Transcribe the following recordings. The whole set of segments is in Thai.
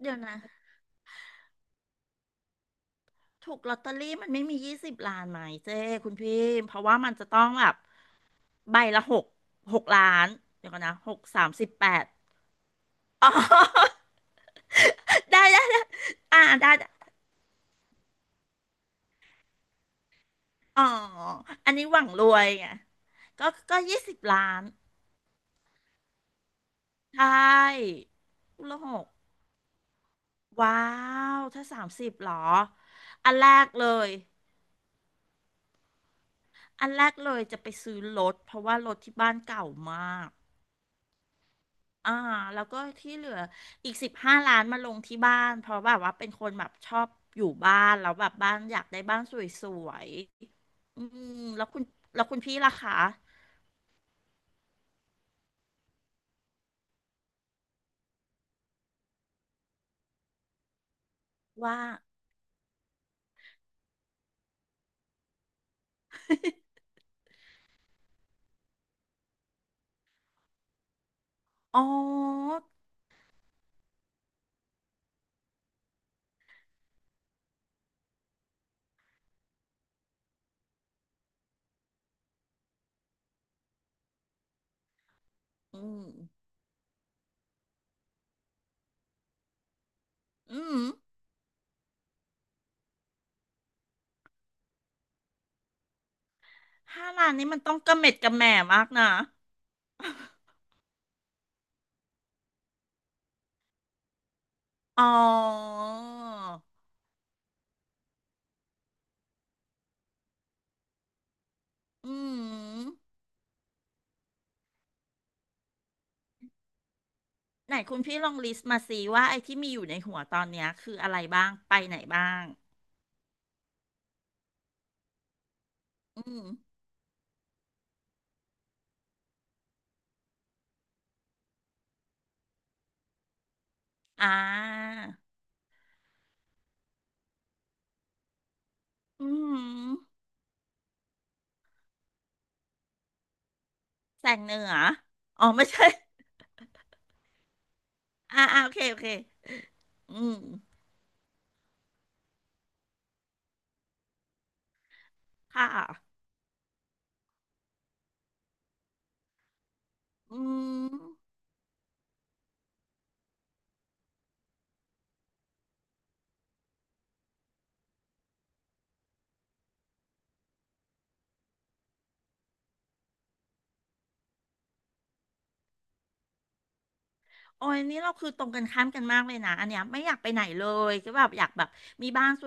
เดี๋ยวนะ ถูกลอตเตอรี่มันไม่มี20 ล้านไหมเจ้คุณพี่เพราะว่ามันจะต้องแบบใบละหก6 ล้านเดี๋ยวก่อนนะหกสามสิบแปดอ๋อ ได้ได้ได้อ่าได้ได้อ๋ออันนี้หวังรวยไงก็ก็ยี่สิบล้านใช่คู่ละหกว้าวถ้าสามสิบหรออันแรกเลยอันแรกเลยจะไปซื้อรถเพราะว่ารถที่บ้านเก่ามาก อ่าแล้วก็ที่เหลืออีก15 ล้านมาลงที่บ้านเพราะแบบว่าเป็นคนแบบชอบอยู่บ้านแล้วแบบบ้านอยากได้บ้านสวยๆอืมแล้วคุณแล้วคุณพี่ล่ะคะว่า อ๋ออืมอืม5 ล้านนี้มันต้องกระเม็ดกระแหม่มากนะ อ๋ออืมไหนคุณพี่ลองลิสต์มาสิว่าไอ้ที่มีอยู่ในหัวตอนเนี้ยคืออะไรบ้างไปไหนบ้างอืมอ่า อืมแสงเหนืออ๋อไม่ใช่ อ่าอ่าโอเคโอเคอืมค่ะอืมโอ้ยนี่เราคือตรงกันข้ามกันมากเลยนะ อันเนี้ยไม่อยากไปไหนเลยก็แบบอยากแบบมีบ้านส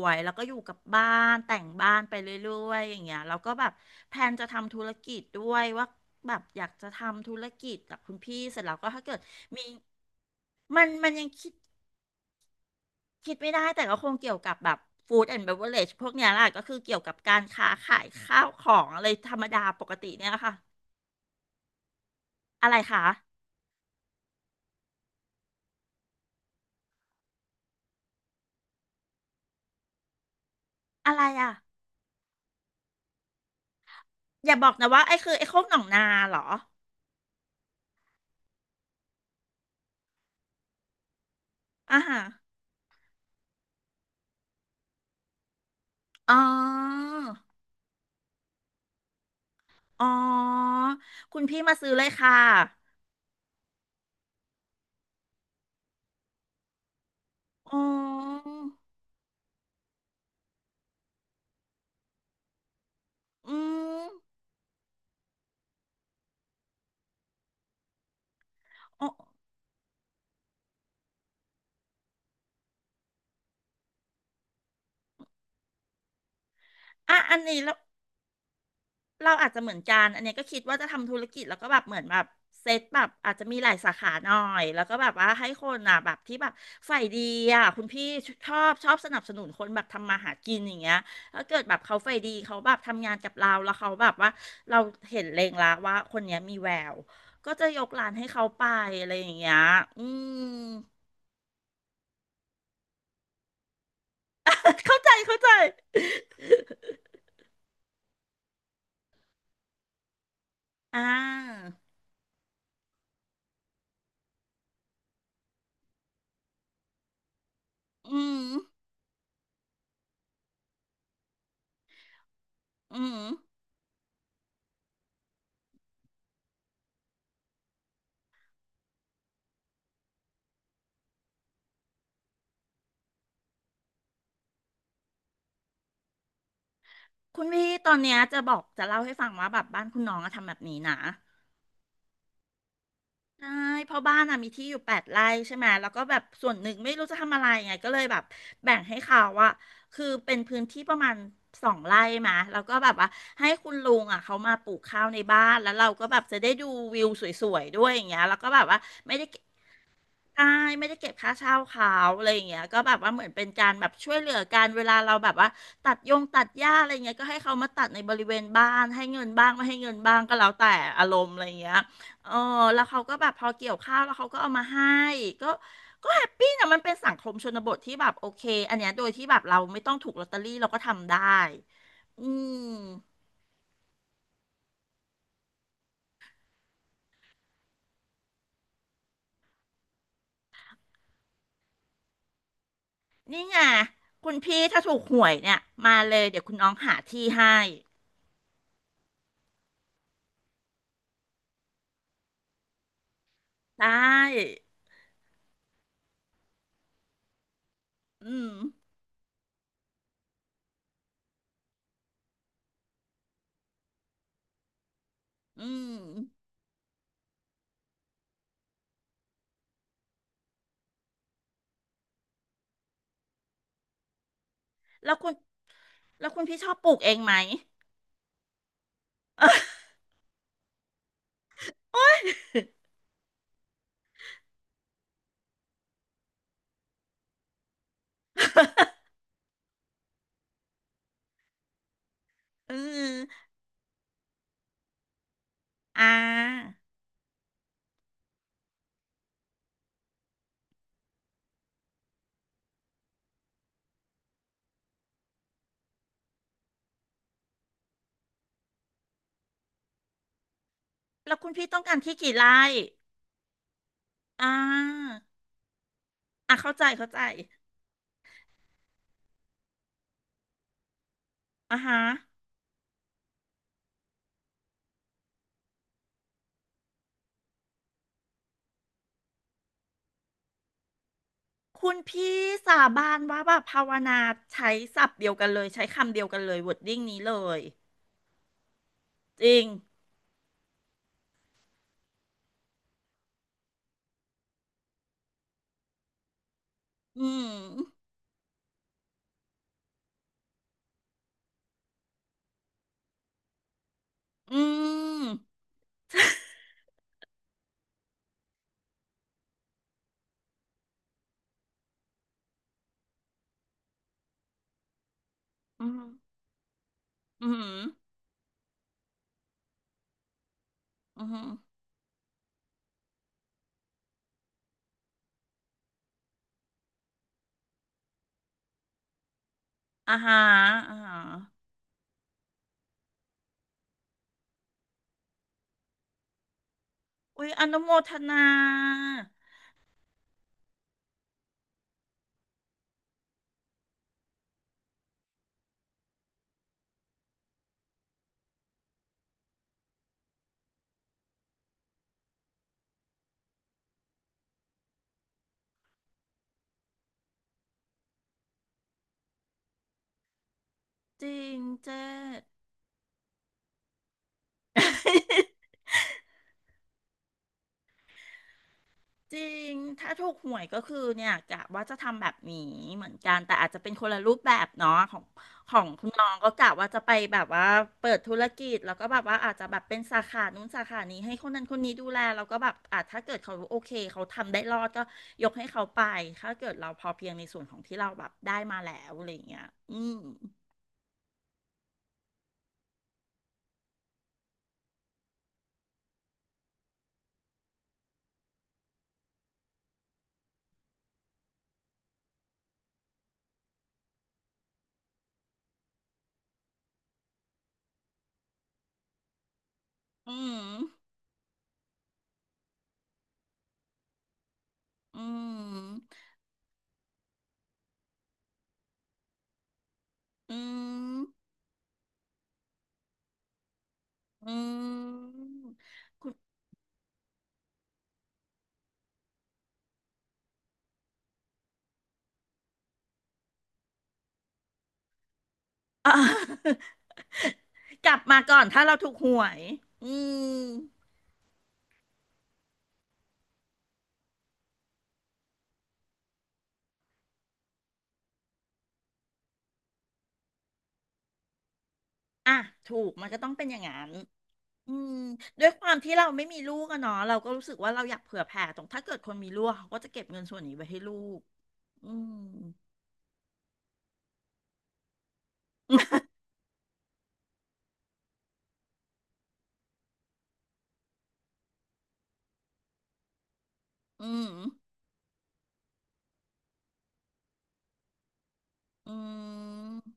วยๆแล้วก็อยู่กับบ้านแต่งบ้านไปเรื่อยๆอย่างเงี้ยแล้วก็แบบแพลนจะทำธุรกิจด้วยว่าแบบอยากจะทำธุรกิจกับคุณพี่เสร็จแล้วก็ถ้าเกิดมีมันยังคิด คิดไม่ได้แต่ก็คงเกี่ยวกับแบบฟู้ดแอนด์เบเวอเรจพวกเนี้ยแหละก็คือเกี่ยวกับการค้าขายข้าวของอะไรธรรมดาปกติเนี่ยแหละค่ะอะไรคะอะไรอ่ะอย่าบอกนะว่าไอ้คือไอ้โคกหนองนาเหรออ่าฮะอ๋ออ๋อคุณพี่มาซื้อเลยค่ะอ๋ออืมอ๋ออ่ะอันนี้แล้ว เราอาจจะเหมือนกันอันเนี้ยก็คิดว่าจะทำธุรกิจแล้วก็แบบเหมือนแบบเซตแบบอาจจะมีหลายสาขาหน่อยแล้วก็แบบว่าให้คนอ่ะแบบที่แบบฝ่ายดีอ่ะคุณพี่ชอบสนับสนุนคนแบบทำมาหากินอย่างเงี้ยถ้าเกิดแบบเขาฝ่ายดีเขาแบบทำงานกับเราแล้วเขาแบบว่าเราเห็นเลงละว่าคนเนี้ยมีแววก็จะยกร้านให้เขาไปอะไรอย่างเงี้ยอืม เข้าใจเข้าใจ อ่าอืมอืม คุณพี่ตอนเนี้ยจะบอกจะเล่าให้ฟังว่าแบบบ้านคุณน้องอะทำแบบนี้นะใช่เพราะบ้านอะมีที่อยู่8 ไร่ใช่ไหมแล้วก็แบบส่วนหนึ่งไม่รู้จะทำอะไรไงก็เลยแบบแบ่งให้เขาว่าคือเป็นพื้นที่ประมาณ2 ไร่มาแล้วก็แบบว่าให้คุณลุงอะเขามาปลูกข้าวในบ้านแล้วเราก็แบบจะได้ดูวิวสวยๆด้วยอย่างเงี้ยแล้วก็แบบว่าไม่ได้ ใช่ไม่ได้เก็บค่าเช่าเขาอะไรอย่างเงี้ยก็แบบว่าเหมือนเป็นการแบบช่วยเหลือกันเวลาเราแบบว่าตัดยงตัดหญ้าอะไรเงี้ยก็ให้เขามาตัดในบริเวณบ้านให้เงินบ้างไม่ให้เงินบ้างก็แล้วแต่อารมณ์อะไรเงี้ยเออแล้วเขาก็แบบพอเกี่ยวข้าวแล้วเขาก็เอามาให้ก็ก็แฮปปี้นะมันเป็นสังคมชนบทที่แบบโอเคอันเนี้ยโดยที่แบบเราไม่ต้องถูกลอตเตอรี่เราก็ทำได้อืมนี่ไงคุณพี่ถ้าถูกหวยเนี่ยมาเลยเดี๋ยวคุณน้องหาที่ให้ได้อืม อืมแล้วคุณแล้วคุณพี่ชอบปลูกเองไหม เอออ่าแล้วคุณพี่ต้องการที่กี่ไร่อ่าอ่ะเข้าใจเข้าใจอ่าฮะคุณพี่สาบานว่าแบบภาวนาใช้ศัพท์เดียวกันเลยใช้คำเดียวกันเลยวอร์ดดิ้งนี้เลยจริงอืมอืมอืมอืมอืมอ่าฮะอ่าฮะอุ้ยอนุโมทนาจริงเจ๊ จริง ถ้าถูกหวยก็คือเนี่ยกะว่าจะทำแบบนี้เหมือนกัน แต่อาจจะเป็นคนละรูปแบบเนาะของของคุณน้องก็กะว่าจะไปแบบว่าเปิดธุรกิจแล้วก็แบบว่าอาจจะแบบเป็นสาขานู้นสาขานี้ให้คนนั้นคนนี้ดูแลแล้วก็แบบอาจถ้าเกิดเขาโอเคเขาทำได้รอดก็ยกให้เขาไปถ้าเกิดเราพอเพียงในส่วนของที่เราแบบได้มาแล้วอะไรอย่างเงี้ยอืมอืมอืมอืมอืมคุณอ่า กลับมาก่อนถ้าเราถูกหวยอืมอ่ะถูกมันก็ต้องเป็นอย่างนั้น อืมด้วยความที่เราไม่มีลูกอะเนาะเราก็รู้สึกว่าเราอยากเผื่อแผ่ตรงถ้าเกิดคนมีลูกเขาก็จะเก็บเงินส่วนนี้ไว้ให้ลูกอืมอืมอืม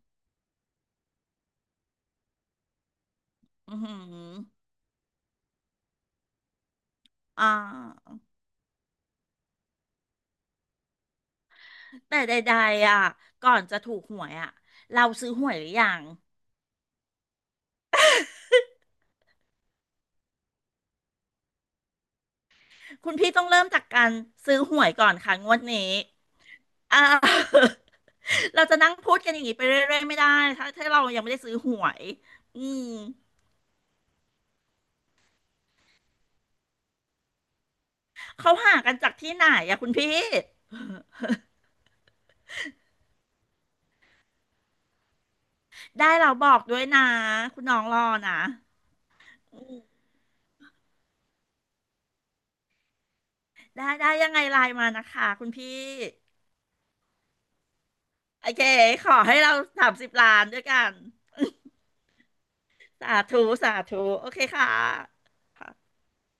อืมอ่าแต่ใดๆอ่ะก่อนจะถูกหวยอ่ะเราซื้อหวยหรือยังคุณพี่ต้องเริ่มจากการซื้อหวยก่อนค่ะงวดนี้ อ่า เราจะนั่งพูดกันอย่างนี้ไปเรื่อยๆไม่ได้ ถ้าถ้าเรายังไม่ได้ซื้อหวยอืมเขาหากันจากที่ไหนอะคุณพี่ ได้เราบอกด้วยนะคุณน้องรอนะอืมได้ได้ยังไงไลน์มานะคะคุณพี่โอเคขอให้เรา30 ล้านด้วยกัน สาธุสาธุ โอเคค่ะค่ะ